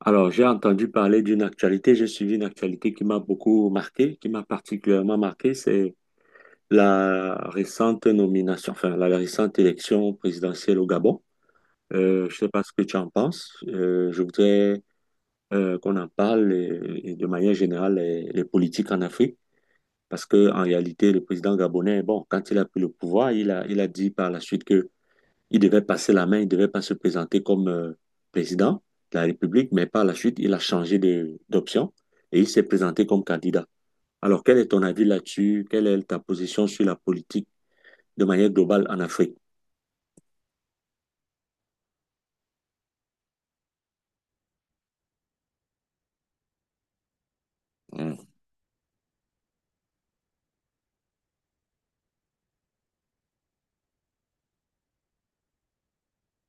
Alors, j'ai entendu parler d'une actualité, j'ai suivi une actualité qui m'a beaucoup marqué, qui m'a particulièrement marqué, c'est la récente nomination, enfin, la récente élection présidentielle au Gabon. Je ne sais pas ce que tu en penses. Je voudrais qu'on en parle et de manière générale les politiques en Afrique, parce que en réalité, le président gabonais, bon, quand il a pris le pouvoir, il a dit par la suite il devait passer la main, il ne devait pas se présenter comme président de la République, mais par la suite, il a changé d'option et il s'est présenté comme candidat. Alors, quel est ton avis là-dessus? Quelle est ta position sur la politique de manière globale en Afrique? Mm.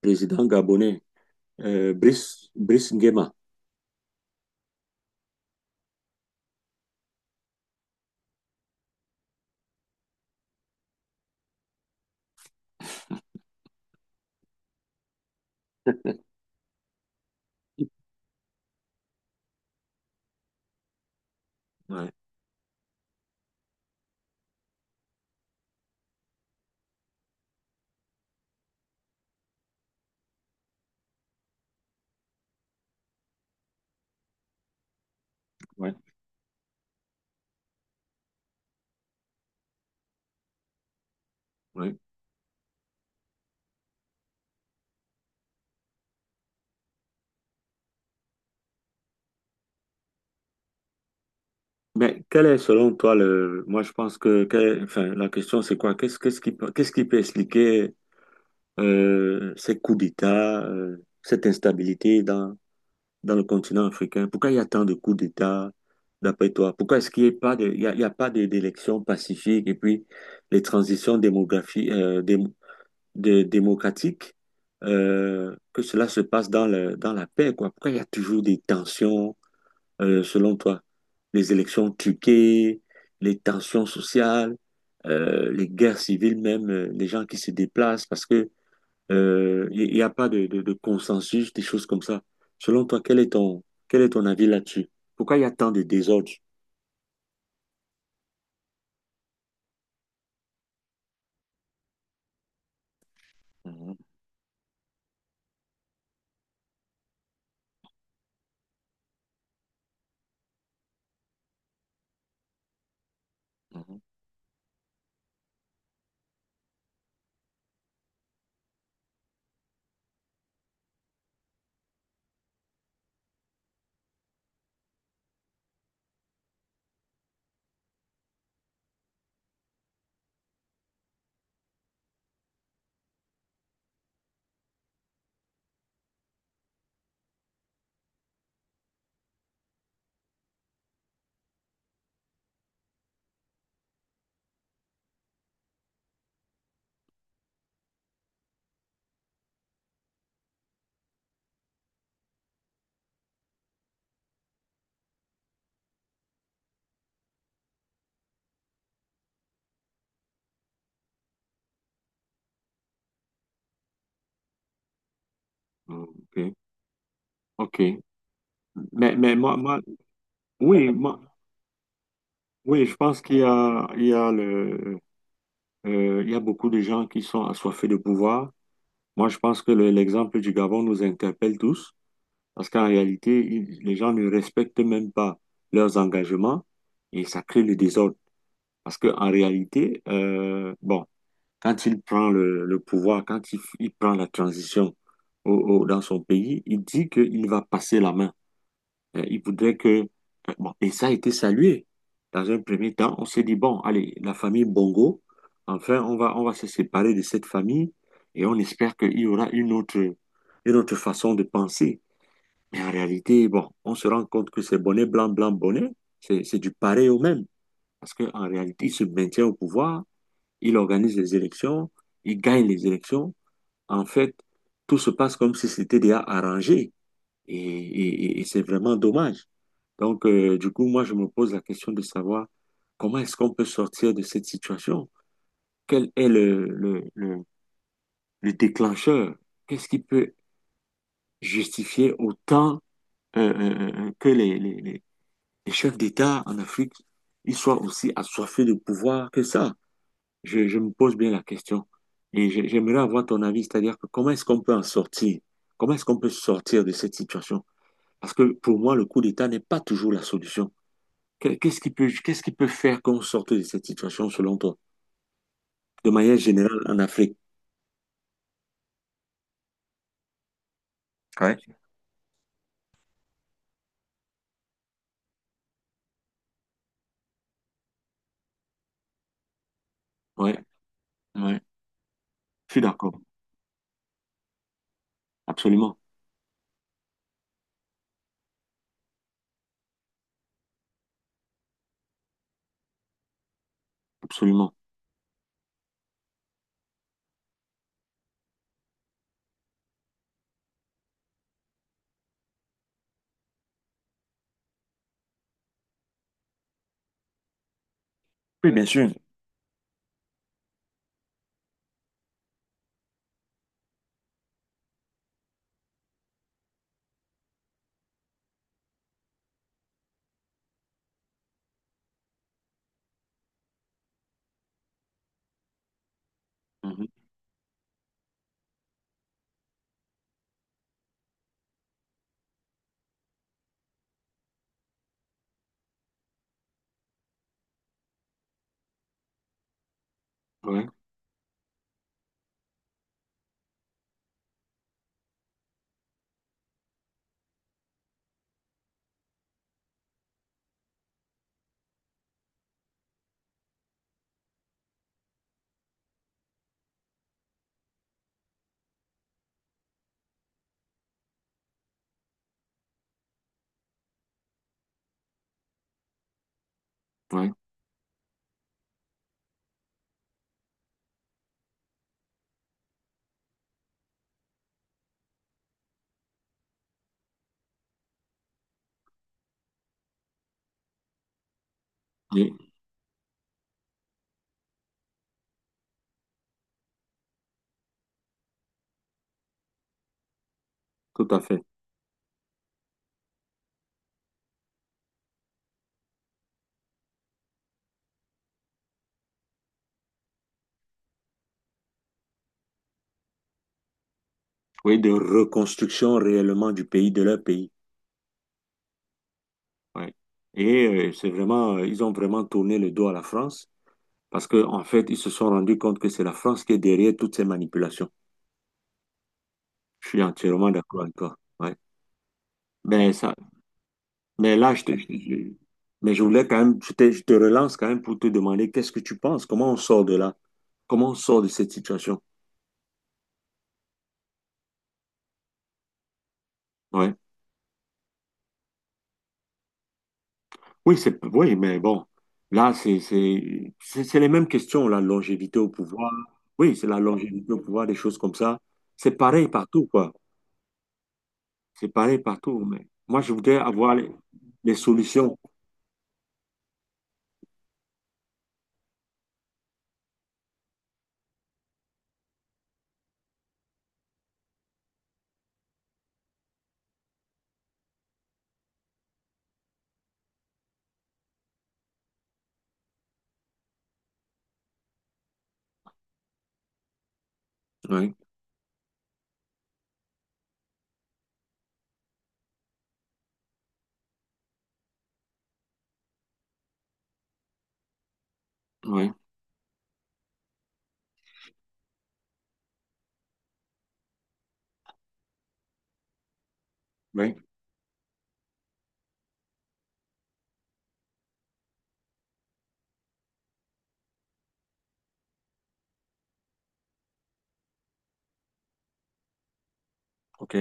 Président gabonais, Brice Nguema. Ouais, ouais, ouais. Mais quel est selon toi le... Moi, je pense que enfin, la question, c'est quoi? Qu'est-ce qui peut expliquer ces coups d'État, cette instabilité dans dans le continent africain? Pourquoi il y a tant de coups d'État, d'après toi? Pourquoi est-ce qu'il n'y a pas de, il y a pas d'élections pacifiques et puis les transitions démographiques, démocratiques, que cela se passe dans la paix, quoi? Pourquoi il y a toujours des tensions, selon toi? Les élections truquées, les tensions sociales, les guerres civiles même, les gens qui se déplacent parce que il n'y a pas de consensus, des choses comme ça. Selon toi, quel est ton avis là-dessus? Pourquoi il y a tant de désordre? Mhm, mhm. Ok, ok. Moi, oui, moi, oui, je pense il y a il y a beaucoup de gens qui sont assoiffés de pouvoir. Moi, je pense que l'exemple du Gabon nous interpelle tous, parce qu'en réalité, les gens ne respectent même pas leurs engagements et ça crée le désordre. Parce que en réalité, bon. Quand il prend le pouvoir, quand il prend la transition au- dans son pays, il dit qu'il va passer la main. Il voudrait que... bon, et ça a été salué. Dans un premier temps, on s'est dit, bon, allez, la famille Bongo, enfin, on va se séparer de cette famille et on espère qu'il y aura une autre façon de penser. Mais en réalité, bon, on se rend compte que c'est bonnet blanc, blanc, bonnet, c'est du pareil au même. Parce qu'en réalité, il se maintient au pouvoir il organise les élections, il gagne les élections. En fait, tout se passe comme si c'était déjà arrangé et c'est vraiment dommage. Donc, du coup, moi, je me pose la question de savoir comment est-ce qu'on peut sortir de cette situation? Quel est le déclencheur? Qu'est-ce qui peut justifier autant que les les chefs d'État en Afrique, ils soient aussi assoiffés de pouvoir que ça? Je je me pose bien la question et j'aimerais avoir ton avis, c'est-à-dire que comment est-ce qu'on peut en sortir? Comment est-ce qu'on peut sortir de cette situation? Parce que pour moi, le coup d'État n'est pas toujours la solution. Qu'est-ce qui peut faire qu'on sorte de cette situation selon toi, de manière générale en Afrique? Ouais. Ouais, ouais, je suis d'accord, absolument, absolument. Oui, bien sûr. Mhm. Ouais, ouais, oui, tout à fait. Oui, de reconstruction réellement du pays, de leur pays. Ouais. Et c'est vraiment, ils ont vraiment tourné le dos à la France. Parce que, en fait, ils se sont rendus compte que c'est la France qui est derrière toutes ces manipulations. Je suis entièrement d'accord avec toi. Ouais. Mais ça, mais là, je te, je- mais je voulais quand même, je te relance quand même pour te demander qu'est-ce que tu penses? Comment on sort de là? Comment on sort de cette situation? Ouais. Oui, mais bon, là, c'est c'est les mêmes questions, la longévité au pouvoir. Oui, c'est la longévité au pouvoir, des choses comme ça. C'est pareil partout, quoi. C'est pareil partout. Mais moi, je voudrais avoir les solutions. Oui, oui. Oui, ok.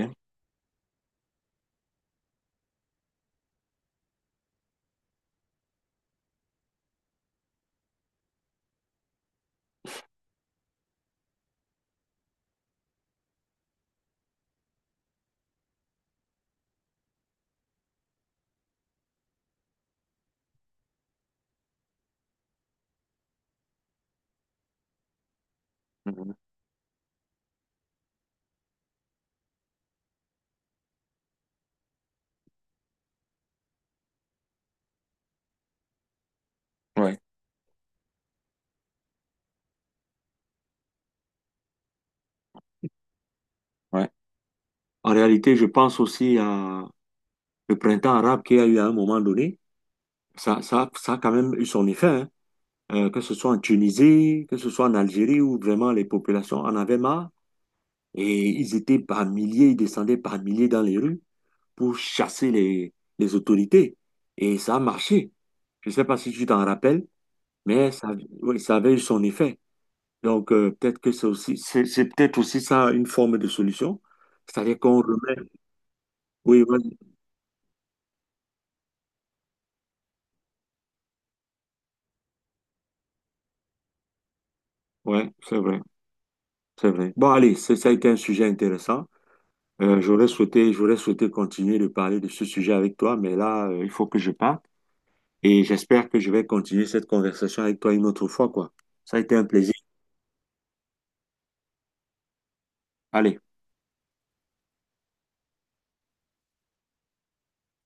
Mhm. Ouais, ouais. En réalité, je pense aussi à le printemps arabe qu'il y a eu à un moment donné. Ça a quand même eu son effet, hein. Que ce soit en Tunisie, que ce soit en Algérie, où vraiment les populations en avaient marre et ils étaient par milliers, ils descendaient par milliers dans les rues pour chasser les autorités. Et ça a marché. Je ne sais pas si tu t'en rappelles, mais ça, oui, ça avait eu son effet. Donc, peut-être que c'est aussi, c'est peut-être aussi ça une forme de solution. C'est-à-dire qu'on remet. Oui, vas-y. Ouais, c'est vrai, c'est vrai. Bon, allez, ça a été un sujet intéressant. J'aurais souhaité continuer de parler de ce sujet avec toi, mais là, il faut que je parte et j'espère que je vais continuer cette conversation avec toi une autre fois, quoi. Ça a été un plaisir. Allez.